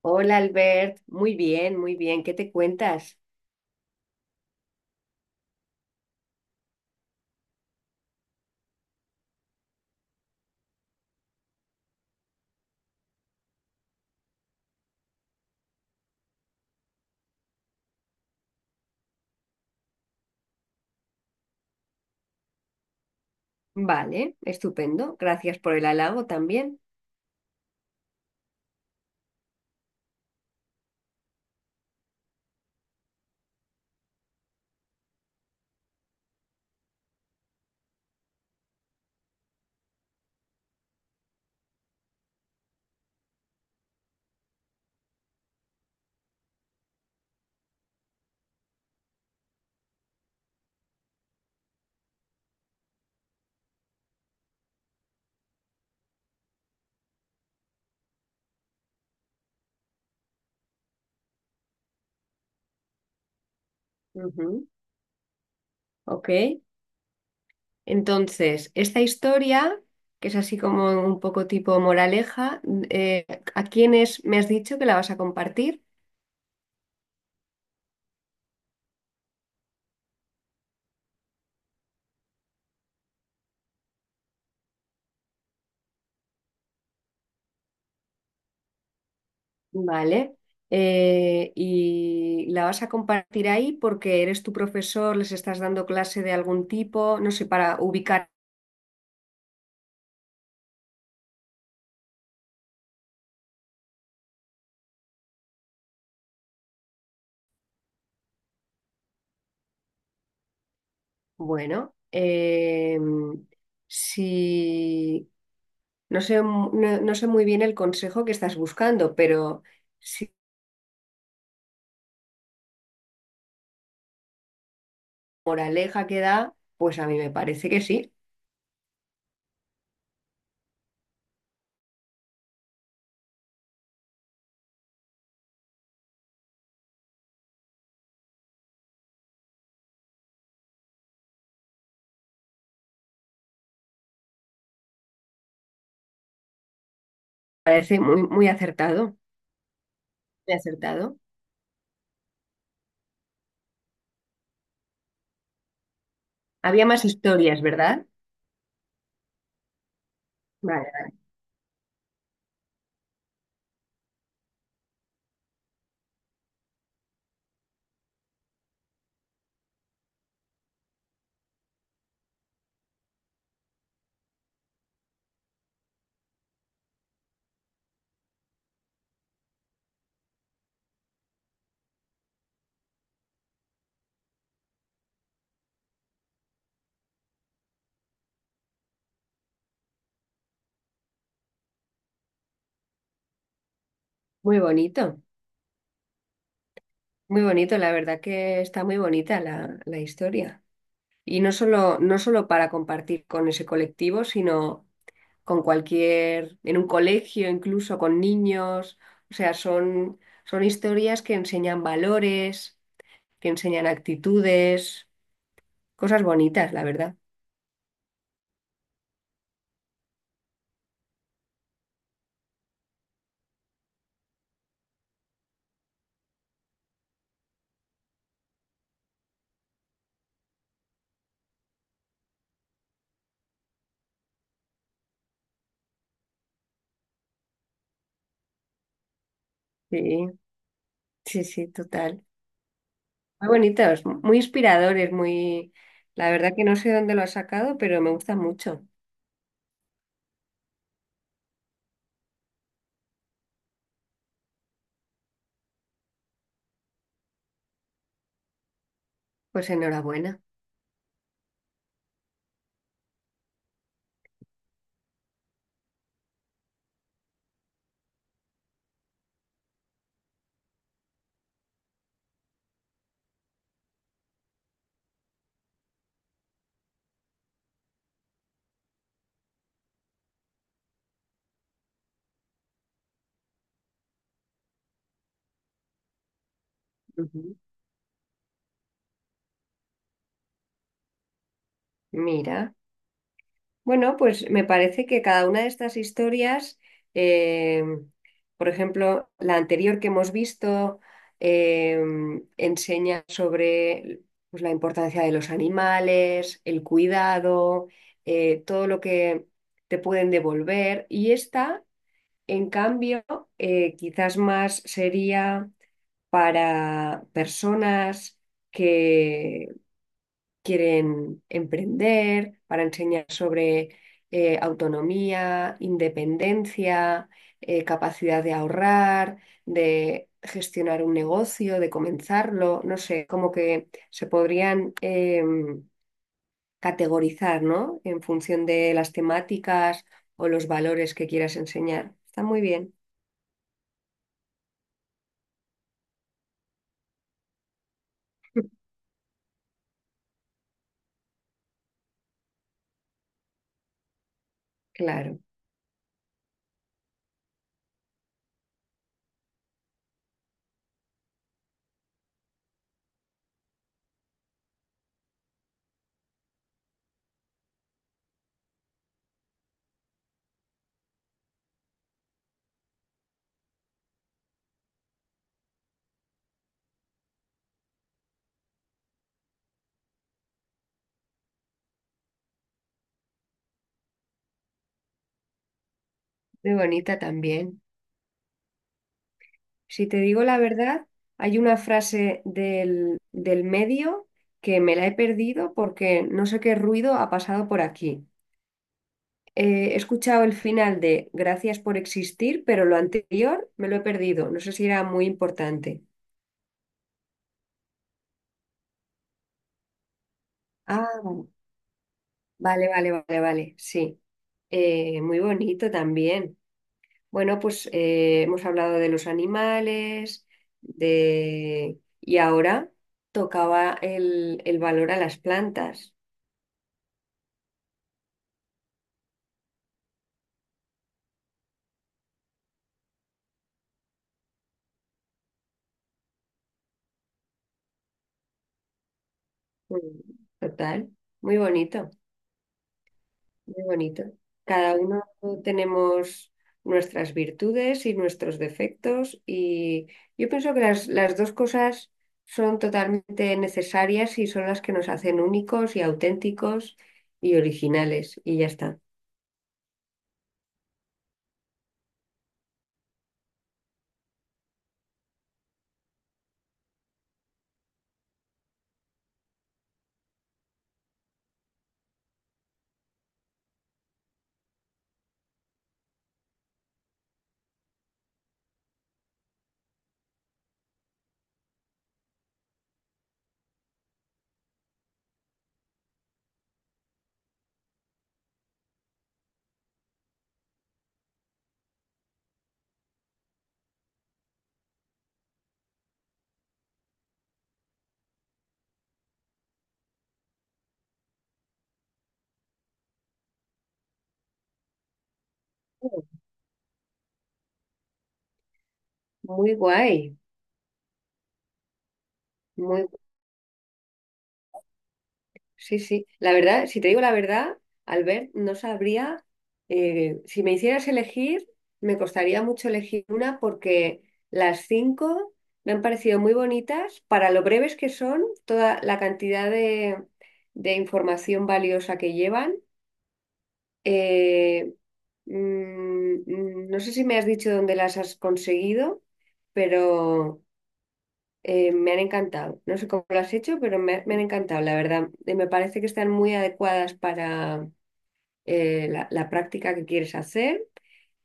Hola Albert, muy bien, ¿qué te cuentas? Vale, estupendo, gracias por el halago también. Ujú. Ok, entonces, esta historia, que es así como un poco tipo moraleja, ¿a quiénes me has dicho que la vas a compartir? Vale, y la vas a compartir ahí porque eres tu profesor, les estás dando clase de algún tipo, no sé, para ubicar. Bueno, si no sé, no sé muy bien el consejo que estás buscando, pero si moraleja que da, pues a mí me parece que sí. Parece muy, muy acertado, muy acertado. Había más historias, ¿verdad? Vale. Muy bonito, muy bonito. La verdad que está muy bonita la historia. Y no solo para compartir con ese colectivo, sino con cualquier, en un colegio, incluso con niños. O sea, son historias que enseñan valores, te enseñan actitudes, cosas bonitas, la verdad. Sí, sí, sí, total. Muy bonitos, muy inspiradores, muy... La verdad que no sé dónde lo has sacado, pero me gusta mucho. Pues enhorabuena. Ujú. Mira. Bueno, pues me parece que cada una de estas historias, eh, por ejemplo, la anterior que hemos visto, eh, enseña sobre pues, la importancia de los animales, el cuidado, todo lo que te pueden devolver. Y esta, en cambio, quizás más sería para personas quieren emprender, para enseñar sobre autonomía, independencia, capacidad de ahorrar, de gestionar un negocio, de comenzarlo, no sé, como que se podrían em, categorizar, ¿no? En función de las temáticas o los valores que quieras enseñar. Está muy bien. Claro. Muy bonita también. Si te digo la verdad, hay una frase del medio que me la he perdido porque no sé qué ruido ha pasado por aquí. He escuchado el final de Gracias por existir, pero lo anterior me lo he perdido. No sé si era muy importante. Ah, vale, vale, vale, vale, sí. Muy bonito también. Bueno, pues hemos hablado de los animales, de... Y ahora tocaba el valor a las plantas. Mm, Total, muy bonito, muy bonito. Cada uno tenemos nuestras virtudes y nuestros defectos y yo pienso que las dos cosas son totalmente necesarias y son las que nos hacen únicos y auténticos y originales y ya está. Oh. Muy guay, muy sí, sí. La verdad, si te digo la verdad, Albert, no sabría, si me hicieras elegir, me costaría mucho elegir una porque las cinco me han parecido muy bonitas para lo breves que son, toda la cantidad de información valiosa que llevan. Eh, no sé si me has dicho dónde las has conseguido, pero... Me han encantado. No sé cómo lo has hecho, pero me han encantado, la verdad. Me parece que están muy adecuadas para la práctica que quieres hacer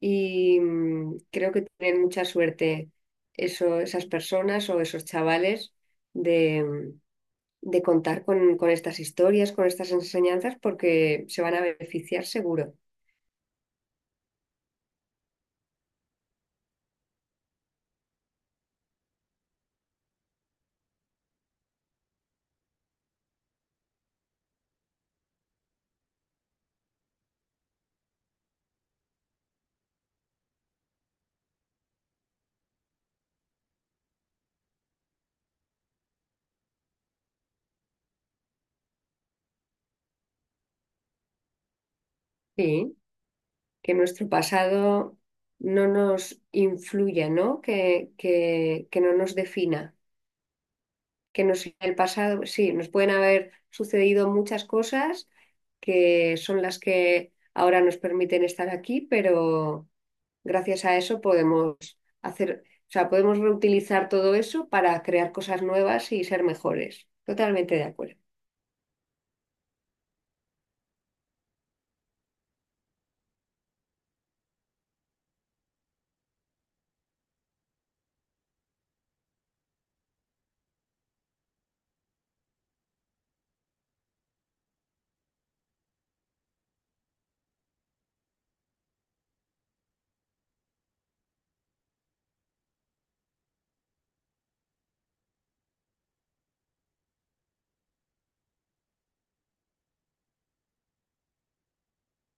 y creo que tienen mucha suerte esas personas o esos chavales de, de contar con estas historias, con estas enseñanzas, porque se van a beneficiar seguro. Sí, que nuestro pasado no nos influya, ¿no? Que no nos defina. En el pasado, pues sí, nos pueden haber sucedido muchas cosas que son las que ahora nos permiten estar aquí, pero gracias a eso podemos hacer, o sea, podemos reutilizar todo eso para crear cosas nuevas y ser mejores. Totalmente de acuerdo.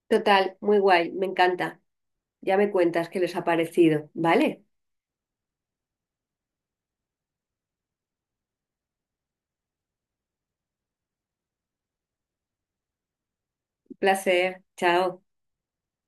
Total, muy guay, me encanta. Ya me cuentas qué les ha parecido. Vale, un placer. Chao.